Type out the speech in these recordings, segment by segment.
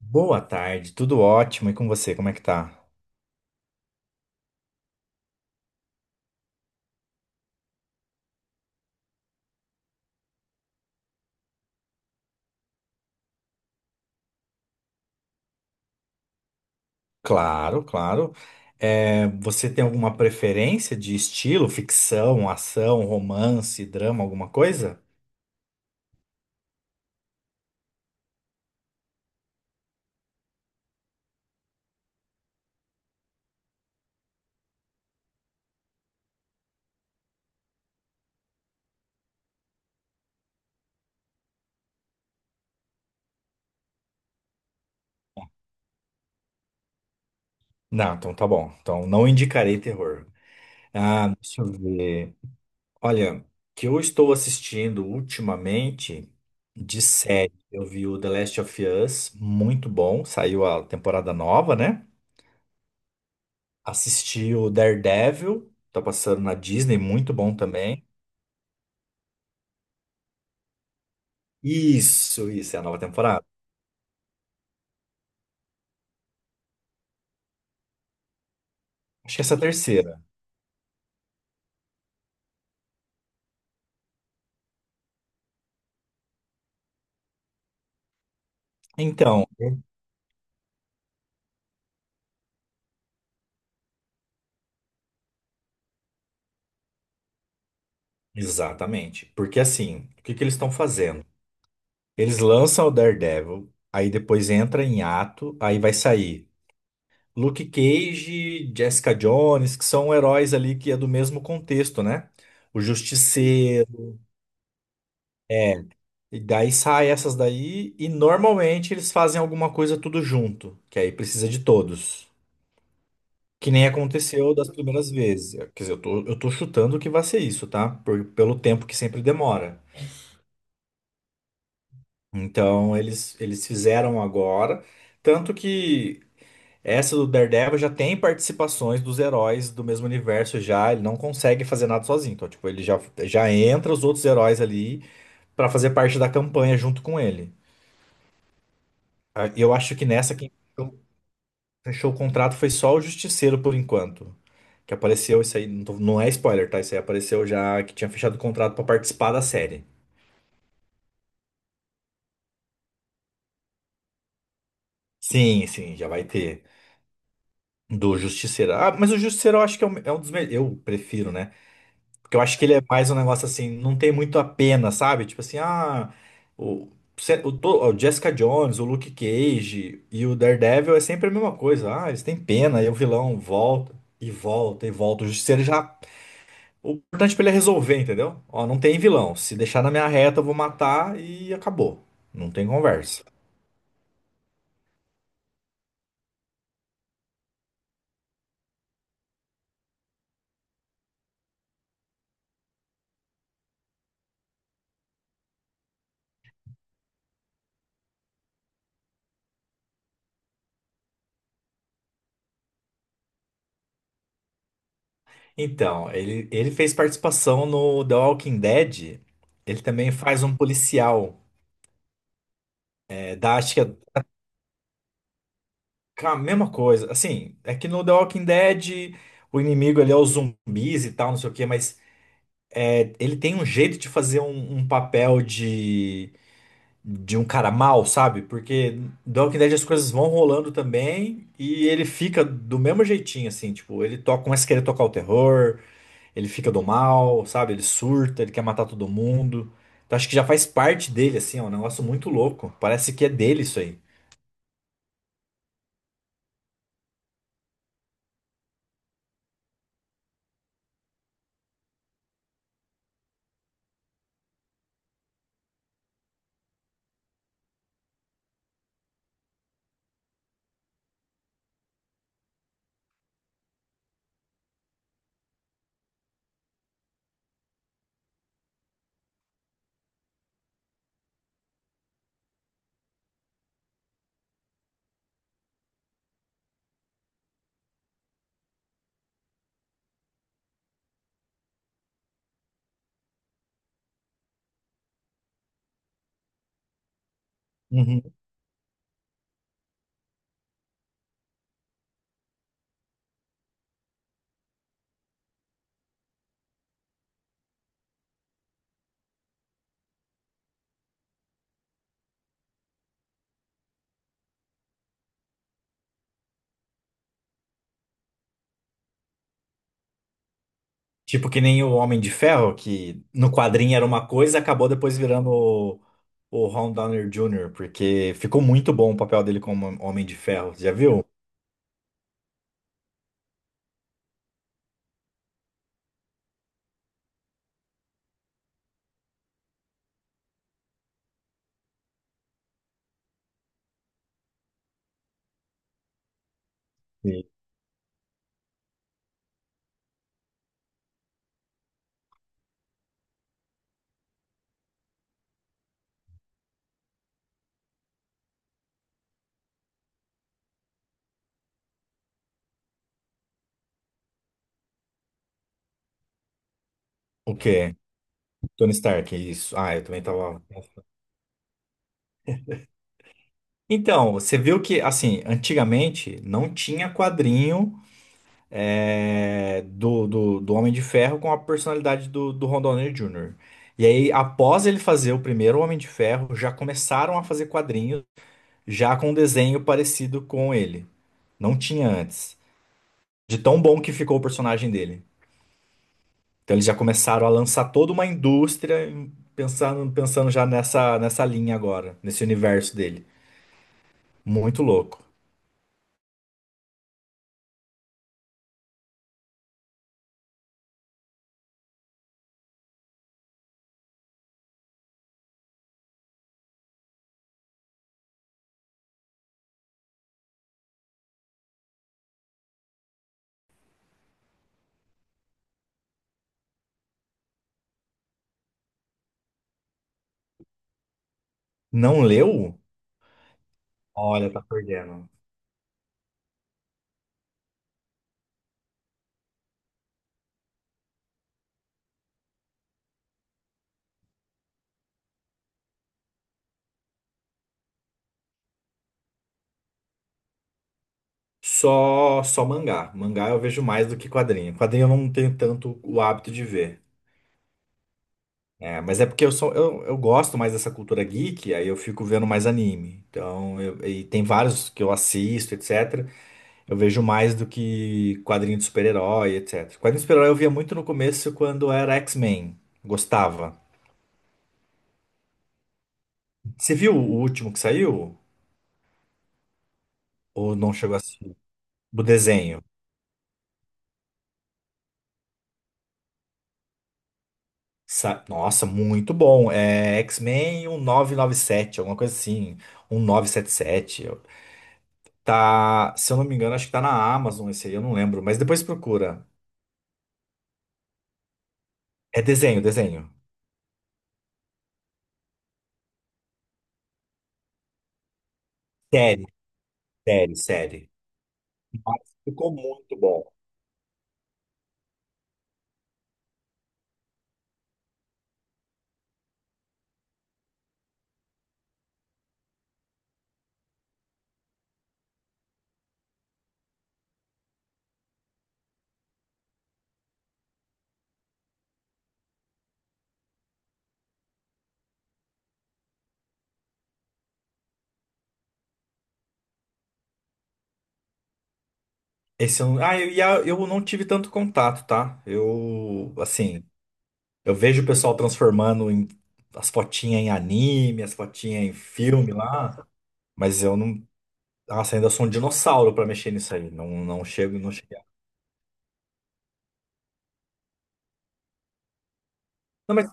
Boa tarde, tudo ótimo. E com você, como é que tá? Claro, claro. É, você tem alguma preferência de estilo, ficção, ação, romance, drama, alguma coisa? Não, então tá bom. Então não indicarei terror. Ah, deixa eu ver. Olha, que eu estou assistindo ultimamente de série. Eu vi o The Last of Us, muito bom. Saiu a temporada nova, né? Assisti o Daredevil, tá passando na Disney, muito bom também. Isso, é a nova temporada. Acho que essa é a terceira. Então, exatamente. Porque assim, o que que eles estão fazendo? Eles lançam o Daredevil, aí depois entra em ato, aí vai sair Luke Cage, Jessica Jones, que são heróis ali que é do mesmo contexto, né? O Justiceiro, é. E daí sai essas daí, e normalmente eles fazem alguma coisa tudo junto, que aí precisa de todos. Que nem aconteceu das primeiras vezes. Quer dizer, eu tô chutando que vai ser isso, tá? Pelo tempo que sempre demora. Então, eles fizeram agora. Tanto que essa do Daredevil já tem participações dos heróis do mesmo universo já. Ele não consegue fazer nada sozinho. Então, tipo, ele já entra os outros heróis ali pra fazer parte da campanha junto com ele. Ah, eu acho que nessa quem fechou o contrato, foi só o Justiceiro por enquanto. Que apareceu, isso aí não, não é spoiler, tá? Isso aí apareceu já que tinha fechado o contrato pra participar da série. Sim, sim, já vai ter. Do Justiceiro. Ah, mas o Justiceiro eu acho que é um dos melhores. Eu prefiro, né? Porque eu acho que ele é mais um negócio assim, não tem muito a pena, sabe? Tipo assim, ah. O, se- o, to- o Jessica Jones, o Luke Cage e o Daredevil é sempre a mesma coisa. Ah, eles têm pena, aí o vilão volta e volta e volta. O Justiceiro já o importante pra ele é resolver, entendeu? Ó, não tem vilão. Se deixar na minha reta, eu vou matar e acabou. Não tem conversa. Então, ele fez participação no The Walking Dead. Ele também faz um policial. Acho que é com a mesma coisa. Assim, é que no The Walking Dead o inimigo ele é os zumbis e tal, não sei o quê, mas ele tem um jeito de fazer um papel de um cara mal, sabe? Porque The Walking Dead as coisas vão rolando também e ele fica do mesmo jeitinho, assim, tipo, ele toca, começa a querer tocar o terror, ele fica do mal, sabe? Ele surta, ele quer matar todo mundo. Então acho que já faz parte dele, assim, é um negócio muito louco. Parece que é dele isso aí. Uhum. Tipo que nem o Homem de Ferro, que no quadrinho era uma coisa, acabou depois virando o Ron Downey Jr., porque ficou muito bom o papel dele como Homem de Ferro. Já viu? Sim. O quê? Tony Stark, é isso. Ah, eu também tava. Então, você viu que, assim, antigamente não tinha quadrinho do Homem de Ferro com a personalidade do Ron Downey Jr. E aí, após ele fazer o primeiro Homem de Ferro, já começaram a fazer quadrinhos já com um desenho parecido com ele. Não tinha antes. De tão bom que ficou o personagem dele. Então, eles já começaram a lançar toda uma indústria pensando já nessa, nessa linha agora, nesse universo dele. Muito louco. Não leu? Olha, tá perdendo. Só, só mangá. Mangá eu vejo mais do que quadrinho. Quadrinho eu não tenho tanto o hábito de ver. É, mas é porque eu gosto mais dessa cultura geek, aí eu fico vendo mais anime. Então, e tem vários que eu assisto, etc. Eu vejo mais do que quadrinho de super-herói, etc. Quadrinho de super-herói eu via muito no começo quando era X-Men. Gostava. Você viu o último que saiu? Ou não chegou a assistir? Do desenho? Nossa, muito bom. É X-Men 1997, alguma coisa assim. Um nove sete sete. Tá, se eu não me engano, acho que tá na Amazon esse aí, eu não lembro. Mas depois procura. É desenho, desenho. Série, série, série. Nossa, ficou muito bom. Esse eu, não- ah, eu, e a- eu não tive tanto contato, tá? Eu, assim, eu vejo o pessoal transformando as fotinhas em anime, as fotinhas em filme lá, mas eu não. Nossa, ainda sou um dinossauro pra mexer nisso aí. Não, não chego, não chego. Não, mas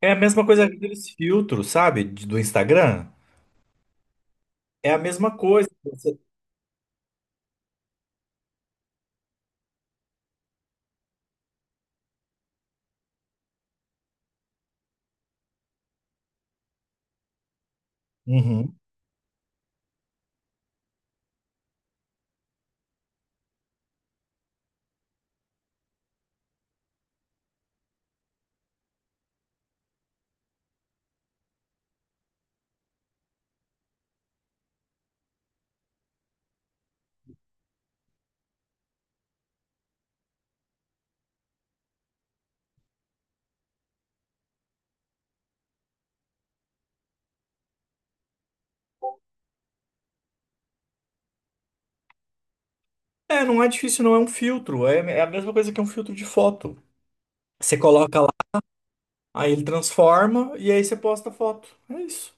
é a mesma coisa aqueles filtros, sabe? Do Instagram. É a mesma coisa. Você- Uhum. É, não é difícil, não é um filtro. É, é a mesma coisa que um filtro de foto. Você coloca lá, aí ele transforma e aí você posta a foto. É isso.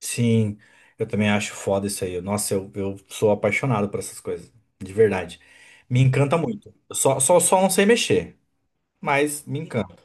Sim, eu também acho foda isso aí. Nossa, eu sou apaixonado por essas coisas. De verdade. Me encanta muito. Eu só não sei mexer, mas me encanta.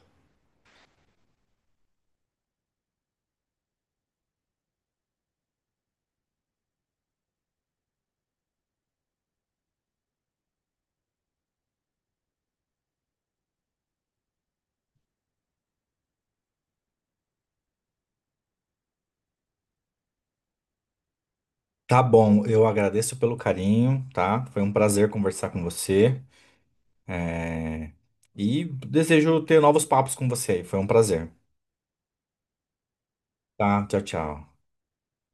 Tá bom, eu agradeço pelo carinho, tá? Foi um prazer conversar com você. É, e desejo ter novos papos com você. Foi um prazer. Tá? Tchau, tchau.